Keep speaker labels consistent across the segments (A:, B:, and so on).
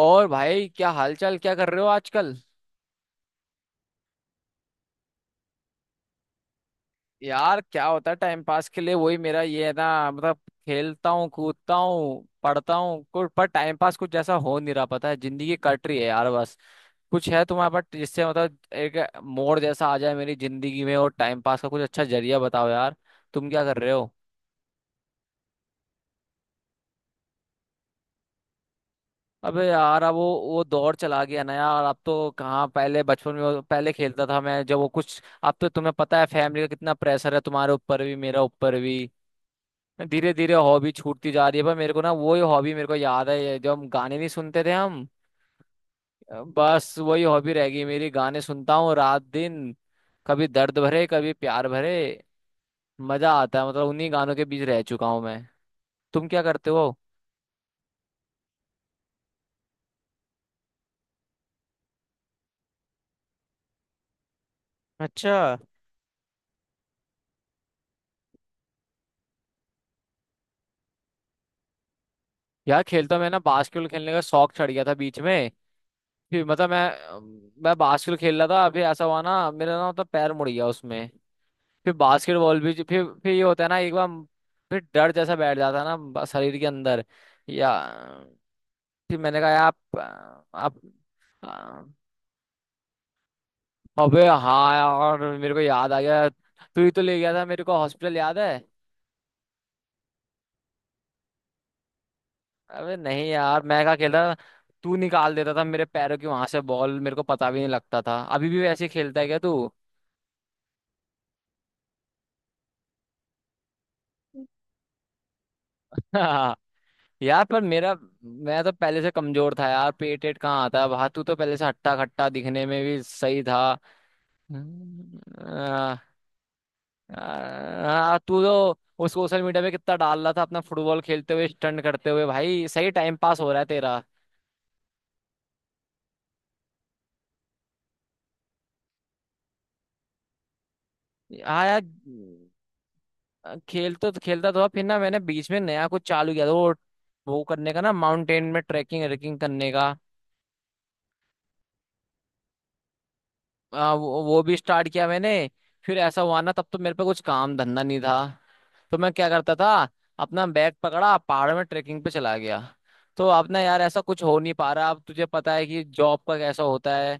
A: और भाई क्या हालचाल क्या कर रहे हो आजकल। यार क्या होता है टाइम पास के लिए। वही मेरा ये है ना मतलब खेलता हूँ कूदता हूँ पढ़ता हूँ। कुछ पर टाइम पास कुछ जैसा हो नहीं रहा। पता है जिंदगी कट रही है यार बस। कुछ है तुम्हारे पास जिससे मतलब एक मोड़ जैसा आ जाए मेरी जिंदगी में और टाइम पास का कुछ अच्छा जरिया बताओ यार। तुम क्या कर रहे हो। अबे यार अब वो दौर चला गया ना यार। अब तो कहाँ पहले बचपन में पहले खेलता था मैं जब वो कुछ। अब तो तुम्हें पता है फैमिली का कितना प्रेशर है तुम्हारे ऊपर भी मेरा ऊपर भी। धीरे धीरे हॉबी छूटती जा रही है पर मेरे को ना वही हॉबी मेरे को याद है। ये जो हम गाने नहीं सुनते थे हम बस वही हॉबी रह गई मेरी। गाने सुनता हूँ रात दिन कभी दर्द भरे कभी प्यार भरे। मजा आता है मतलब उन्हीं गानों के बीच रह चुका हूँ मैं। तुम क्या करते हो। अच्छा। यार खेलता मैं ना बास्केटबॉल खेलने का शौक चढ़ गया था बीच में। फिर मतलब मैं बास्केटबॉल खेल रहा था। अभी ऐसा हुआ ना मेरा ना मतलब पैर मुड़ गया उसमें। फिर बास्केटबॉल भी फिर ये होता है ना एक बार। फिर डर जैसा बैठ जाता है ना शरीर के अंदर। या फिर मैंने कहा यार आप आ, अबे हाँ यार मेरे को याद आ गया। तू ही तो ले गया था मेरे को हॉस्पिटल याद है। अबे नहीं यार मैं क्या खेलता था। तू निकाल देता था मेरे पैरों की वहां से बॉल मेरे को पता भी नहीं लगता था। अभी भी वैसे ही खेलता है क्या तू। हाँ। यार पर मेरा मैं तो पहले से कमजोर था यार। पेट एट कहाँ आता है बाहर। तू तो पहले से हट्टा खट्टा दिखने में भी सही था। हम्म। आ, आ, आ, तू तो वो सोशल मीडिया पे कितना डाल रहा था अपना फुटबॉल खेलते हुए स्टंट करते हुए। भाई सही टाइम पास हो रहा है तेरा। हाँ यार खेल तो खेलता तो था। फिर ना मैंने बीच में नया कुछ चालू किया था वो करने का ना माउंटेन में ट्रैकिंग रेकिंग करने का। वो भी स्टार्ट किया मैंने। फिर ऐसा हुआ ना तब तो मेरे पे कुछ काम धंधा नहीं था तो मैं क्या करता था। अपना बैग पकड़ा पहाड़ों में ट्रेकिंग पे चला गया। तो अपना यार ऐसा कुछ हो नहीं पा रहा। अब तुझे पता है कि जॉब का कैसा होता है।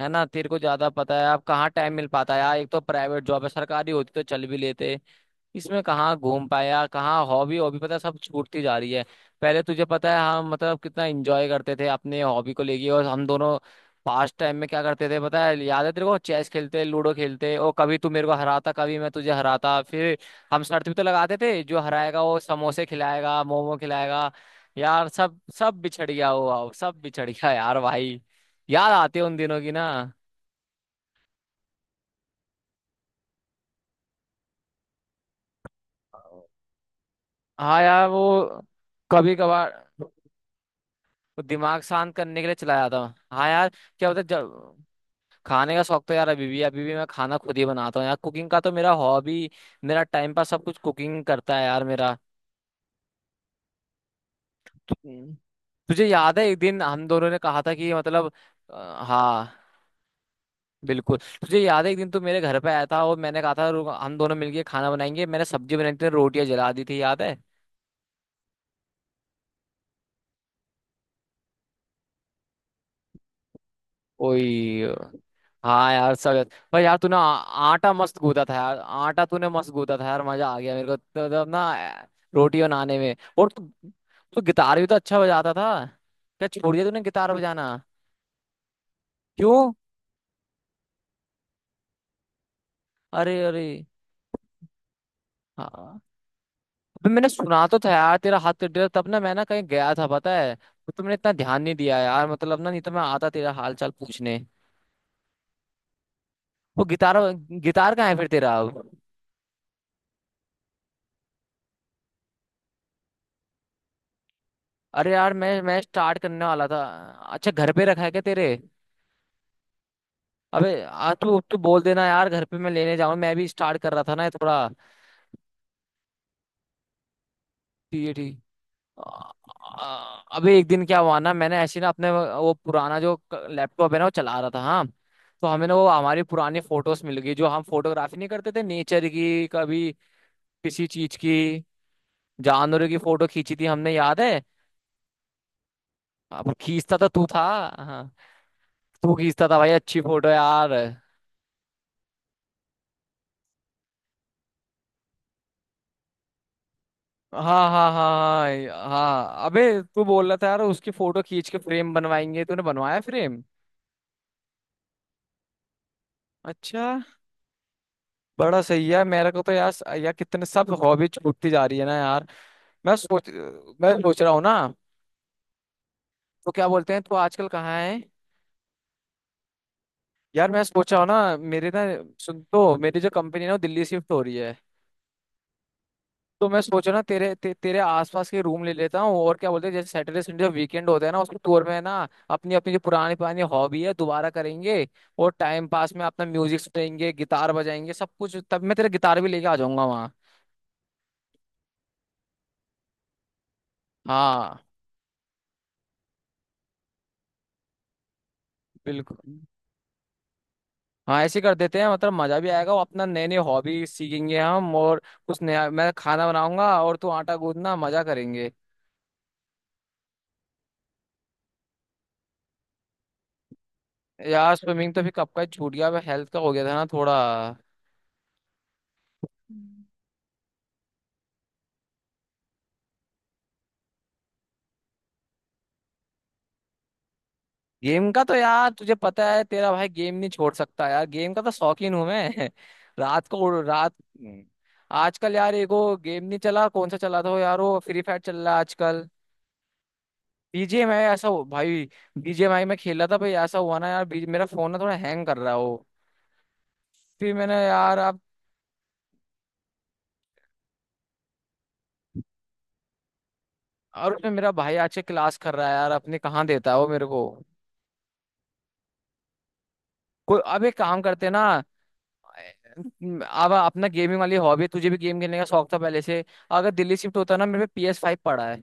A: है ना तेरे को ज्यादा पता है। अब कहाँ टाइम मिल पाता है यार। एक तो प्राइवेट जॉब है सरकारी होती तो चल भी लेते। इसमें कहाँ घूम पाया कहाँ हॉबी। हॉबी पता है, सब छूटती जा रही है। पहले तुझे पता है हम मतलब कितना एंजॉय करते थे अपने हॉबी को लेके और हम दोनों पास्ट टाइम में क्या करते थे। पता है याद है तेरे को चेस खेलते लूडो खेलते। और कभी तू मेरे को हराता कभी मैं तुझे हराता। फिर हम शर्त भी तो लगाते थे जो हराएगा वो समोसे खिलाएगा मोमो खिलाएगा। यार सब सब बिछड़ गया वो अब, सब बिछड़ गया यार भाई। याद आते हैं उन दिनों की ना। हाँ हाँ यार वो कभी कभार वो दिमाग शांत करने के लिए चलाया था। हाँ यार क्या होता है जब खाने का शौक तो यार अभी भी मैं खाना खुद ही बनाता हूँ यार। कुकिंग का तो मेरा हॉबी मेरा टाइम पास सब कुछ। कुकिंग करता है यार मेरा। तु, हम्म। तुझे याद है एक दिन हम दोनों ने कहा था कि मतलब हाँ बिल्कुल। तुझे याद है एक दिन तू मेरे घर पे आया था और मैंने कहा था हम दोनों मिलके खाना बनाएंगे"। मैंने सब्जी बनाई थी रोटियां जला दी थी याद है। ओए हाँ यार सब। भाई यार तूने आटा मस्त गूंदा था यार। आटा तूने मस्त गूंदा था यार मजा आ गया मेरे को तो ना रोटी बनाने में और तू। तू गिटार भी तो अच्छा बजाता था क्या छोड़ दिया तूने गिटार बजाना। क्यों अरे अरे हाँ। अबे मैंने सुना तो था यार तेरा हाथ तेरा तब ना मैं ना कहीं गया था पता है तो तुमने इतना ध्यान नहीं दिया यार मतलब। ना नहीं तो मैं आता तेरा हाल चाल पूछने। वो गिटार गिटार कहाँ है फिर तेरा अब। अरे यार मैं स्टार्ट करने वाला था। अच्छा घर पे रखा है क्या तेरे। अबे आ तू तू बोल देना यार घर पे। मैं लेने जाऊँ मैं भी स्टार्ट कर रहा था ना ये थोड़ा। ठीक है ठीक। आ- अबे एक दिन क्या हुआ ना। मैंने ऐसे ना अपने वो पुराना जो लैपटॉप है ना वो चला रहा था। हाँ तो हमें ना वो हमारी पुरानी फोटोज मिल गई जो हम फोटोग्राफी नहीं करते थे नेचर की कभी किसी चीज की। जानवरों की फोटो खींची थी हमने याद है। अब खींचता तो तू था हाँ। तू खींचता था भाई अच्छी फोटो यार। हाँ हाँ हाँ हाँ हाँ अबे तू बोल रहा था यार उसकी फोटो खींच के फ्रेम बनवाएंगे। तूने बनवाया फ्रेम। अच्छा बड़ा सही है मेरे को तो यार। यार कितने सब हॉबी छूटती जा रही है ना यार। मैं सोच मैं सोच रहा हूँ ना। तो क्या बोलते हैं तू आजकल कहाँ है। यार मैं सोच रहा हूँ ना मेरे ना सुन तो मेरी जो कंपनी है ना वो दिल्ली शिफ्ट हो रही है। तो मैं सोच रहा ना तेरे आसपास के रूम ले लेता हूँ। और क्या बोलते हैं जैसे सैटरडे संडे जब वीकेंड होता है ना उसको टूर में ना अपनी अपनी जो पुरानी पुरानी हॉबी है दोबारा करेंगे। और टाइम पास में अपना म्यूजिक सुनेंगे गिटार बजाएंगे सब कुछ। तब मैं तेरा गिटार भी लेके आ जाऊंगा वहाँ। हाँ बिल्कुल। हाँ ऐसे कर देते हैं मतलब मजा भी आएगा। और अपना नए नए हॉबी सीखेंगे हम। और कुछ नया मैं खाना बनाऊंगा और तू आटा गूंदना मजा करेंगे। यार स्विमिंग तो फिर कब का ही छूट गया। हेल्थ का हो गया था ना थोड़ा। गेम का तो यार तुझे पता है तेरा भाई गेम नहीं छोड़ सकता यार। गेम का तो शौकीन हूं मैं। रात को रात। हम्म। आजकल यार एगो गेम नहीं चला कौन सा चला था वो यार। वो फ्री फायर चल रहा है आजकल। बीजीएमआई भाई। बीजीएमआई में खेला था भाई। ऐसा हुआ ना यार मेरा फोन ना थोड़ा हैंग कर रहा है वो। फिर मैंने यार अब। और उसमें मेरा भाई आज से क्लास कर रहा है यार। अपने कहाँ देता है वो मेरे को। कोई अब एक काम करते हैं ना। अब अपना गेमिंग वाली हॉबी है तुझे भी गेम खेलने का शौक था पहले से। अगर दिल्ली शिफ्ट होता ना मेरे पे पी एस फाइव पड़ा है।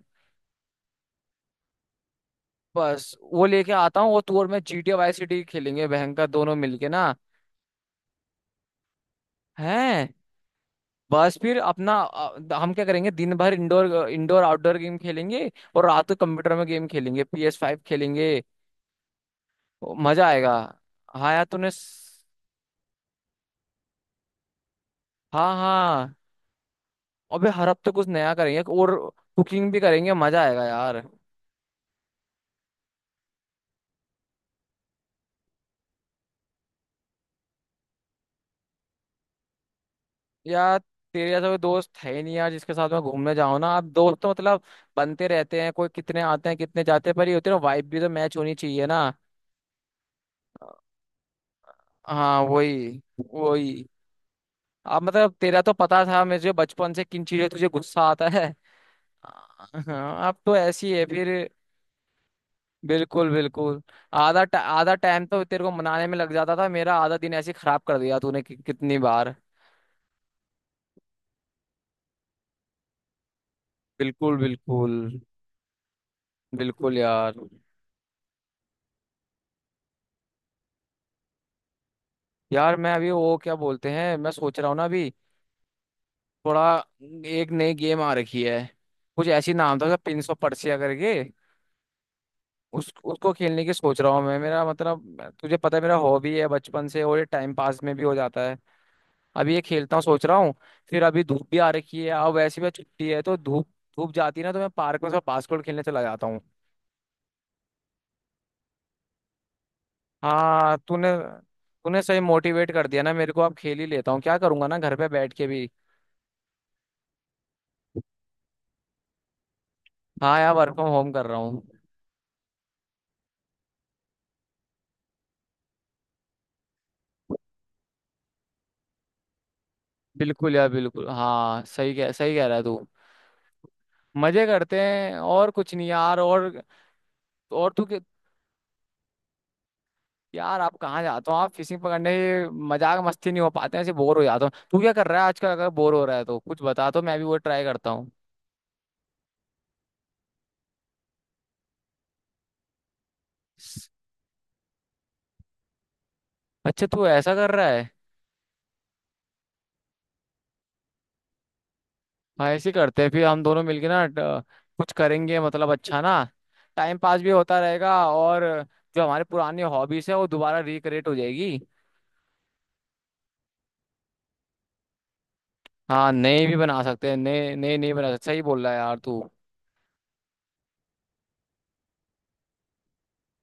A: बस वो लेके आता हूँ और तू और मैं G T A Vice City खेलेंगे बहन का दोनों मिलके ना। हैं बस फिर अपना हम क्या करेंगे दिन भर। इंडोर इंडोर आउटडोर गेम खेलेंगे। और रात को कंप्यूटर में गेम खेलेंगे पी एस फाइव खेलेंगे। मजा आएगा। हाँ यार हाँ हाँ अबे हर हफ्ते कुछ नया करेंगे। और कुकिंग भी करेंगे मजा आएगा यार। यार तेरे जैसा कोई दोस्त है ही नहीं यार जिसके साथ मैं घूमने जाऊं ना। आप दोस्त तो मतलब बनते रहते हैं कोई कितने आते हैं कितने जाते हैं। पर ये होते हैं वाइब भी तो मैच होनी चाहिए ना। हाँ वही वही। आप मतलब तेरा तो पता था मुझे बचपन से किन चीजों तुझे गुस्सा आता है। हाँ अब तो ऐसी है फिर। बिल्कुल बिल्कुल आधा टाइम तो तेरे को मनाने में लग जाता था। मेरा आधा दिन ऐसे ही खराब कर दिया तूने कि, कितनी बार। बिल्कुल बिल्कुल बिल्कुल यार। यार मैं अभी वो क्या बोलते हैं मैं सोच रहा हूँ ना अभी थोड़ा। एक नई गेम आ रखी है कुछ ऐसी नाम था पिंस ऑफ पर्सिया करके। उस उसको खेलने की सोच रहा हूँ मैं। मेरा मतलब तुझे पता है मेरा हॉबी है बचपन से और ये टाइम पास में भी हो जाता है। अभी ये खेलता हूँ सोच रहा हूँ। फिर अभी धूप भी आ रखी है अब वैसे भी छुट्टी है तो धूप धूप जाती है ना तो मैं पार्क में थोड़ा बास्केटबॉल खेलने चला जाता हूँ। हाँ तूने तूने सही मोटिवेट कर दिया ना मेरे को। अब खेल ही लेता हूँ क्या करूंगा ना घर पे बैठ के भी। हाँ यार वर्क फ्रॉम होम कर रहा हूँ। बिल्कुल यार बिल्कुल हाँ सही कह रहा है तू। मजे करते हैं और कुछ नहीं यार। और तू यार आप कहाँ जाते हो आप फिशिंग पकड़ने। मजाक मस्ती नहीं हो पाते हैं ऐसे बोर हो जाता हूँ। तू क्या कर रहा है आजकल अगर बोर हो रहा है तो कुछ बता तो मैं भी वो ट्राई करता हूँ। अच्छा तू ऐसा कर रहा है। हाँ ऐसे करते हैं फिर हम दोनों मिलके ना कुछ करेंगे मतलब अच्छा ना। टाइम पास भी होता रहेगा। और जो हमारे पुरानी हॉबीज है वो दोबारा रिक्रिएट हो जाएगी। हाँ नए भी बना सकते हैं नए नए नहीं बना सकते। सही बोल रहा है यार तू।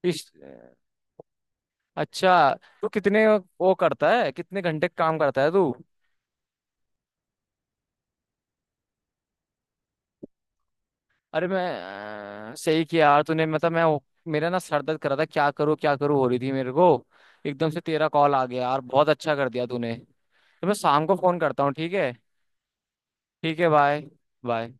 A: इस अच्छा तू कितने वो करता है कितने घंटे काम करता है तू। अरे मैं सही किया यार तूने मतलब मैं। मेरा ना सर दर्द कर रहा था क्या करूँ हो रही थी मेरे को। एकदम से तेरा कॉल आ गया यार बहुत अच्छा कर दिया तूने तो। मैं शाम को फोन करता हूँ ठीक है। ठीक है बाय बाय।